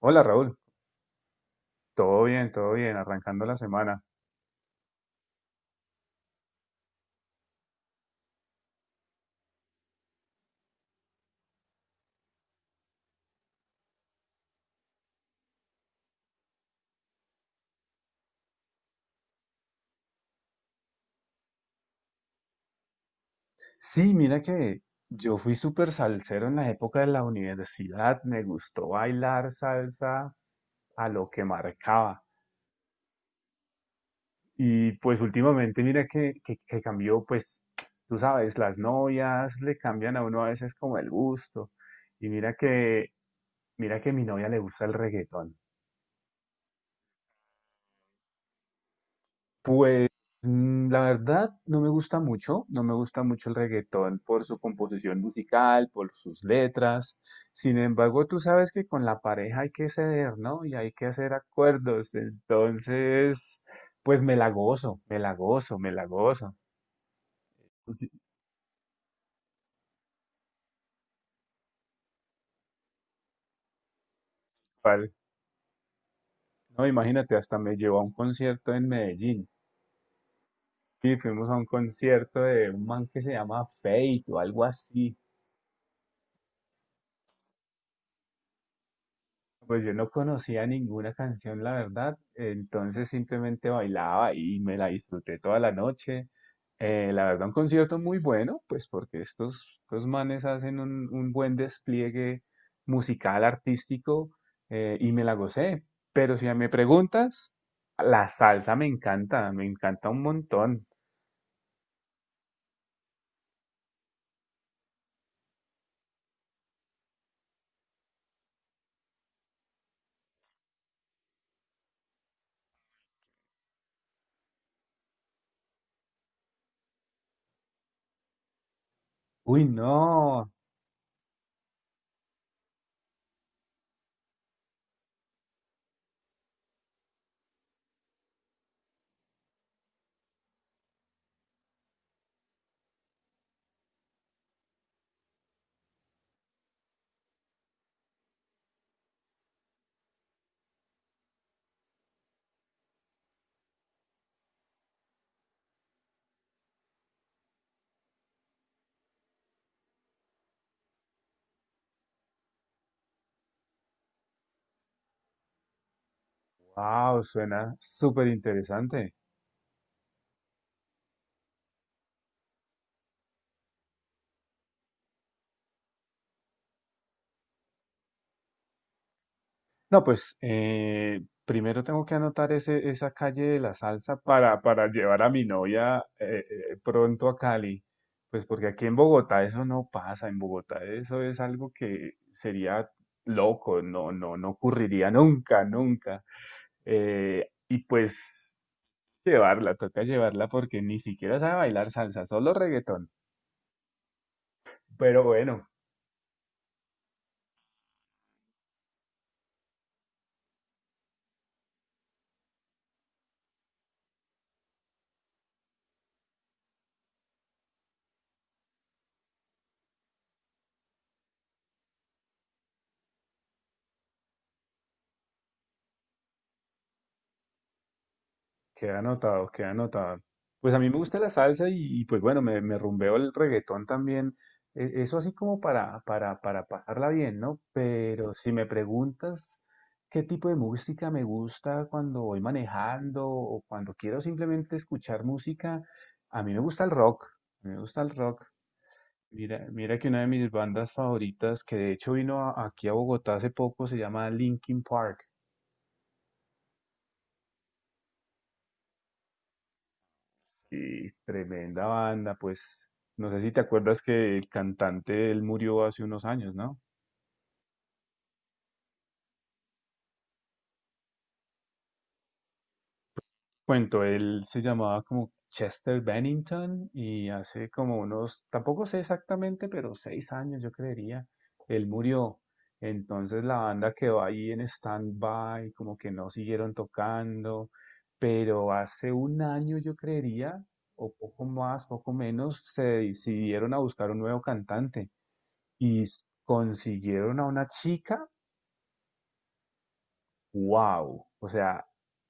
Hola Raúl, todo bien, arrancando la semana. Sí, mira que yo fui súper salsero en la época de la universidad, me gustó bailar salsa a lo que marcaba. Y pues últimamente mira que cambió, pues tú sabes, las novias le cambian a uno a veces como el gusto. Y mira que a mi novia le gusta el reggaetón. Pues la verdad no me gusta mucho, no me gusta mucho el reggaetón por su composición musical, por sus letras. Sin embargo, tú sabes que con la pareja hay que ceder, ¿no? Y hay que hacer acuerdos. Entonces, pues me la gozo, me la gozo, me la gozo. Pues sí, vale. No, imagínate, hasta me llevó a un concierto en Medellín. Y fuimos a un concierto de un man que se llama Fate o algo así. Pues yo no conocía ninguna canción, la verdad, entonces simplemente bailaba y me la disfruté toda la noche. La verdad, un concierto muy bueno, pues porque estos manes hacen un buen despliegue musical, artístico, y me la gocé. Pero si me preguntas, la salsa me encanta un montón. Uy, no, wow, suena súper interesante. No, pues primero tengo que anotar esa calle de la salsa para llevar a mi novia pronto a Cali. Pues porque aquí en Bogotá eso no pasa, en Bogotá eso es algo que sería loco, no ocurriría nunca, nunca. Y pues llevarla, toca llevarla porque ni siquiera sabe bailar salsa, solo reggaetón. Pero bueno, queda anotado, queda anotado. Pues a mí me gusta la salsa y pues bueno, me rumbeo el reggaetón también. Eso así como para pasarla bien, ¿no? Pero si me preguntas qué tipo de música me gusta cuando voy manejando o cuando quiero simplemente escuchar música, a mí me gusta el rock. A mí me gusta el rock. Mira, mira que una de mis bandas favoritas, que de hecho aquí a Bogotá hace poco, se llama Linkin Park. Y tremenda banda, pues no sé si te acuerdas que el cantante él murió hace unos años, ¿no? Cuento, él se llamaba como Chester Bennington y hace como unos, tampoco sé exactamente, pero seis años yo creería, él murió. Entonces la banda quedó ahí en stand-by, como que no siguieron tocando, pero hace un año yo creería, o poco más, poco menos, se decidieron a buscar un nuevo cantante. Consiguieron a una chica, wow, o sea,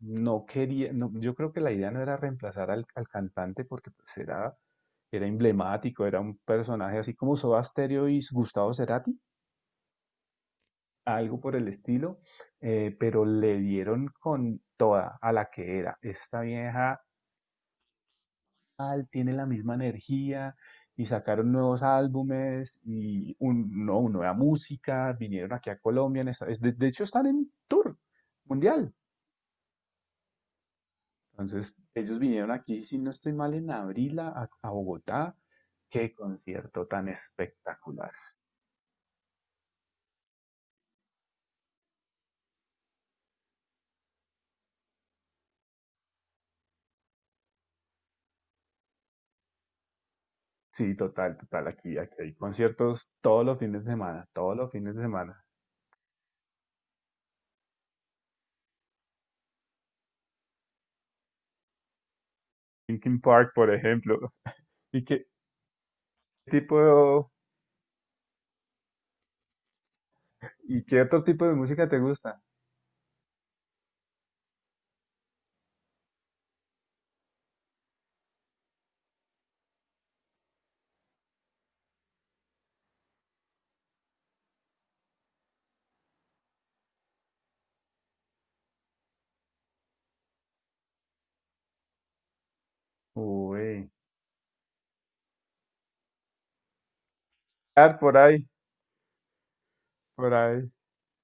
no quería, no, yo creo que la idea no era reemplazar al cantante porque pues era, era emblemático, era un personaje así como Soda Stereo y Gustavo Cerati, algo por el estilo, pero le dieron con toda a la que era. Esta vieja tal, tiene la misma energía y sacaron nuevos álbumes y un- no, nueva música, vinieron aquí a Colombia, en esta- es- de hecho están en tour mundial. Entonces, ellos vinieron aquí, si no estoy mal, en abril a Bogotá. Qué concierto tan espectacular. Sí, total, total, aquí, aquí hay conciertos todos los fines de semana, todos los fines de semana. Linkin Park, por ejemplo. ¿Y qué tipo, y qué otro tipo de música te gusta? Uy, Art por ahí. Por ahí,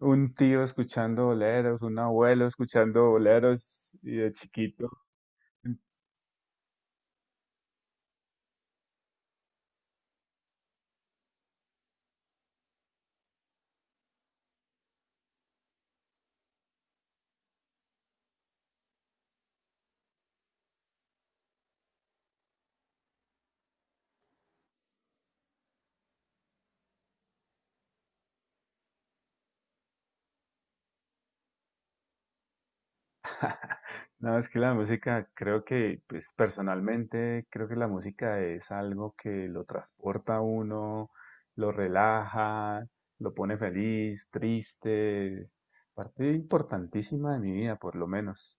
un tío escuchando boleros, un abuelo escuchando boleros y de chiquito. No, es que la música, creo que, pues personalmente, creo que la música es algo que lo transporta a uno, lo relaja, lo pone feliz, triste. Es parte importantísima de mi vida, por lo menos.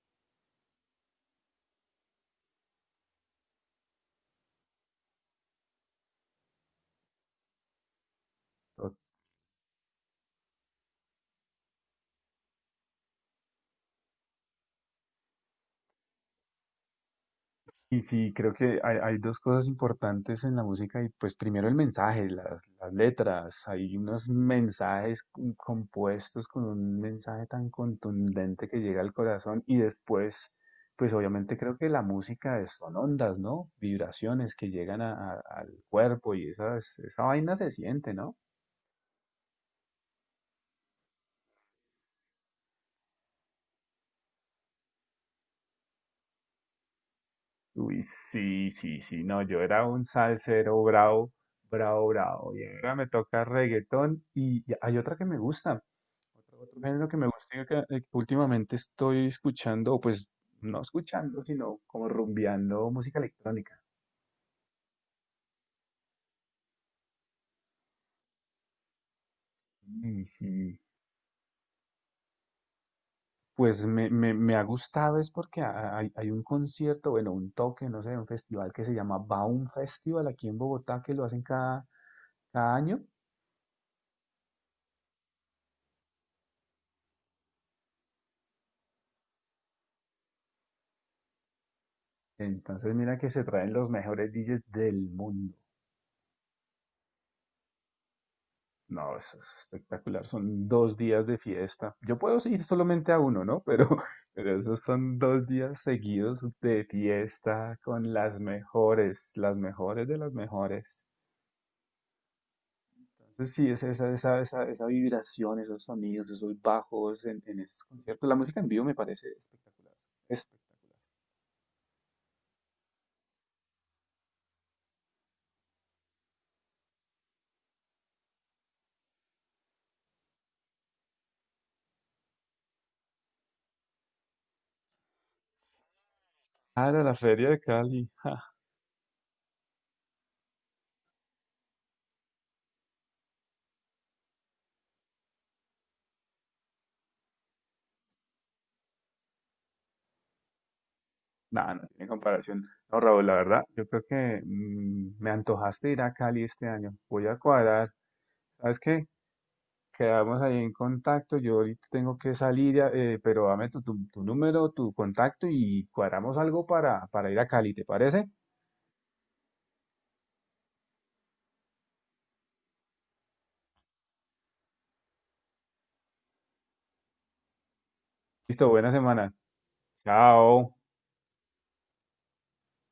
Y sí, creo que hay dos cosas importantes en la música y pues primero el mensaje, las letras, hay unos mensajes compuestos con un mensaje tan contundente que llega al corazón y después, pues obviamente creo que son ondas, ¿no? Vibraciones que llegan al cuerpo y esas, esa vaina se siente, ¿no? Uy, sí, sí, sí, no, yo era un salsero bravo, bravo, bravo, y ahora me toca reggaetón y hay otra que me gusta. Otro género que me gusta que últimamente estoy escuchando, o pues no escuchando, sino como rumbeando música electrónica. Y sí, pues me ha gustado es porque hay, hay un concierto, bueno, un toque, no sé, un festival que se llama Baum Festival aquí en Bogotá, que lo hacen cada, cada año. Entonces mira que se traen los mejores DJs del mundo. No, eso es espectacular. Son dos días de fiesta. Yo puedo ir solamente a uno, ¿no? Pero esos son dos días seguidos de fiesta con las mejores de las mejores. Entonces, sí, es esa, esa, esa, esa vibración, esos sonidos, esos bajos en esos conciertos. La música en vivo me parece espectacular. Espectacular. Ah, la la feria de Cali. No, no tiene comparación. No, Raúl, la verdad, yo creo que me antojaste ir a Cali este año. Voy a cuadrar. ¿Sabes qué? Quedamos ahí en contacto. Yo ahorita tengo que salir, ya, pero dame tu número, tu contacto y cuadramos algo para ir a Cali, ¿te parece? Listo, buena semana. Chao.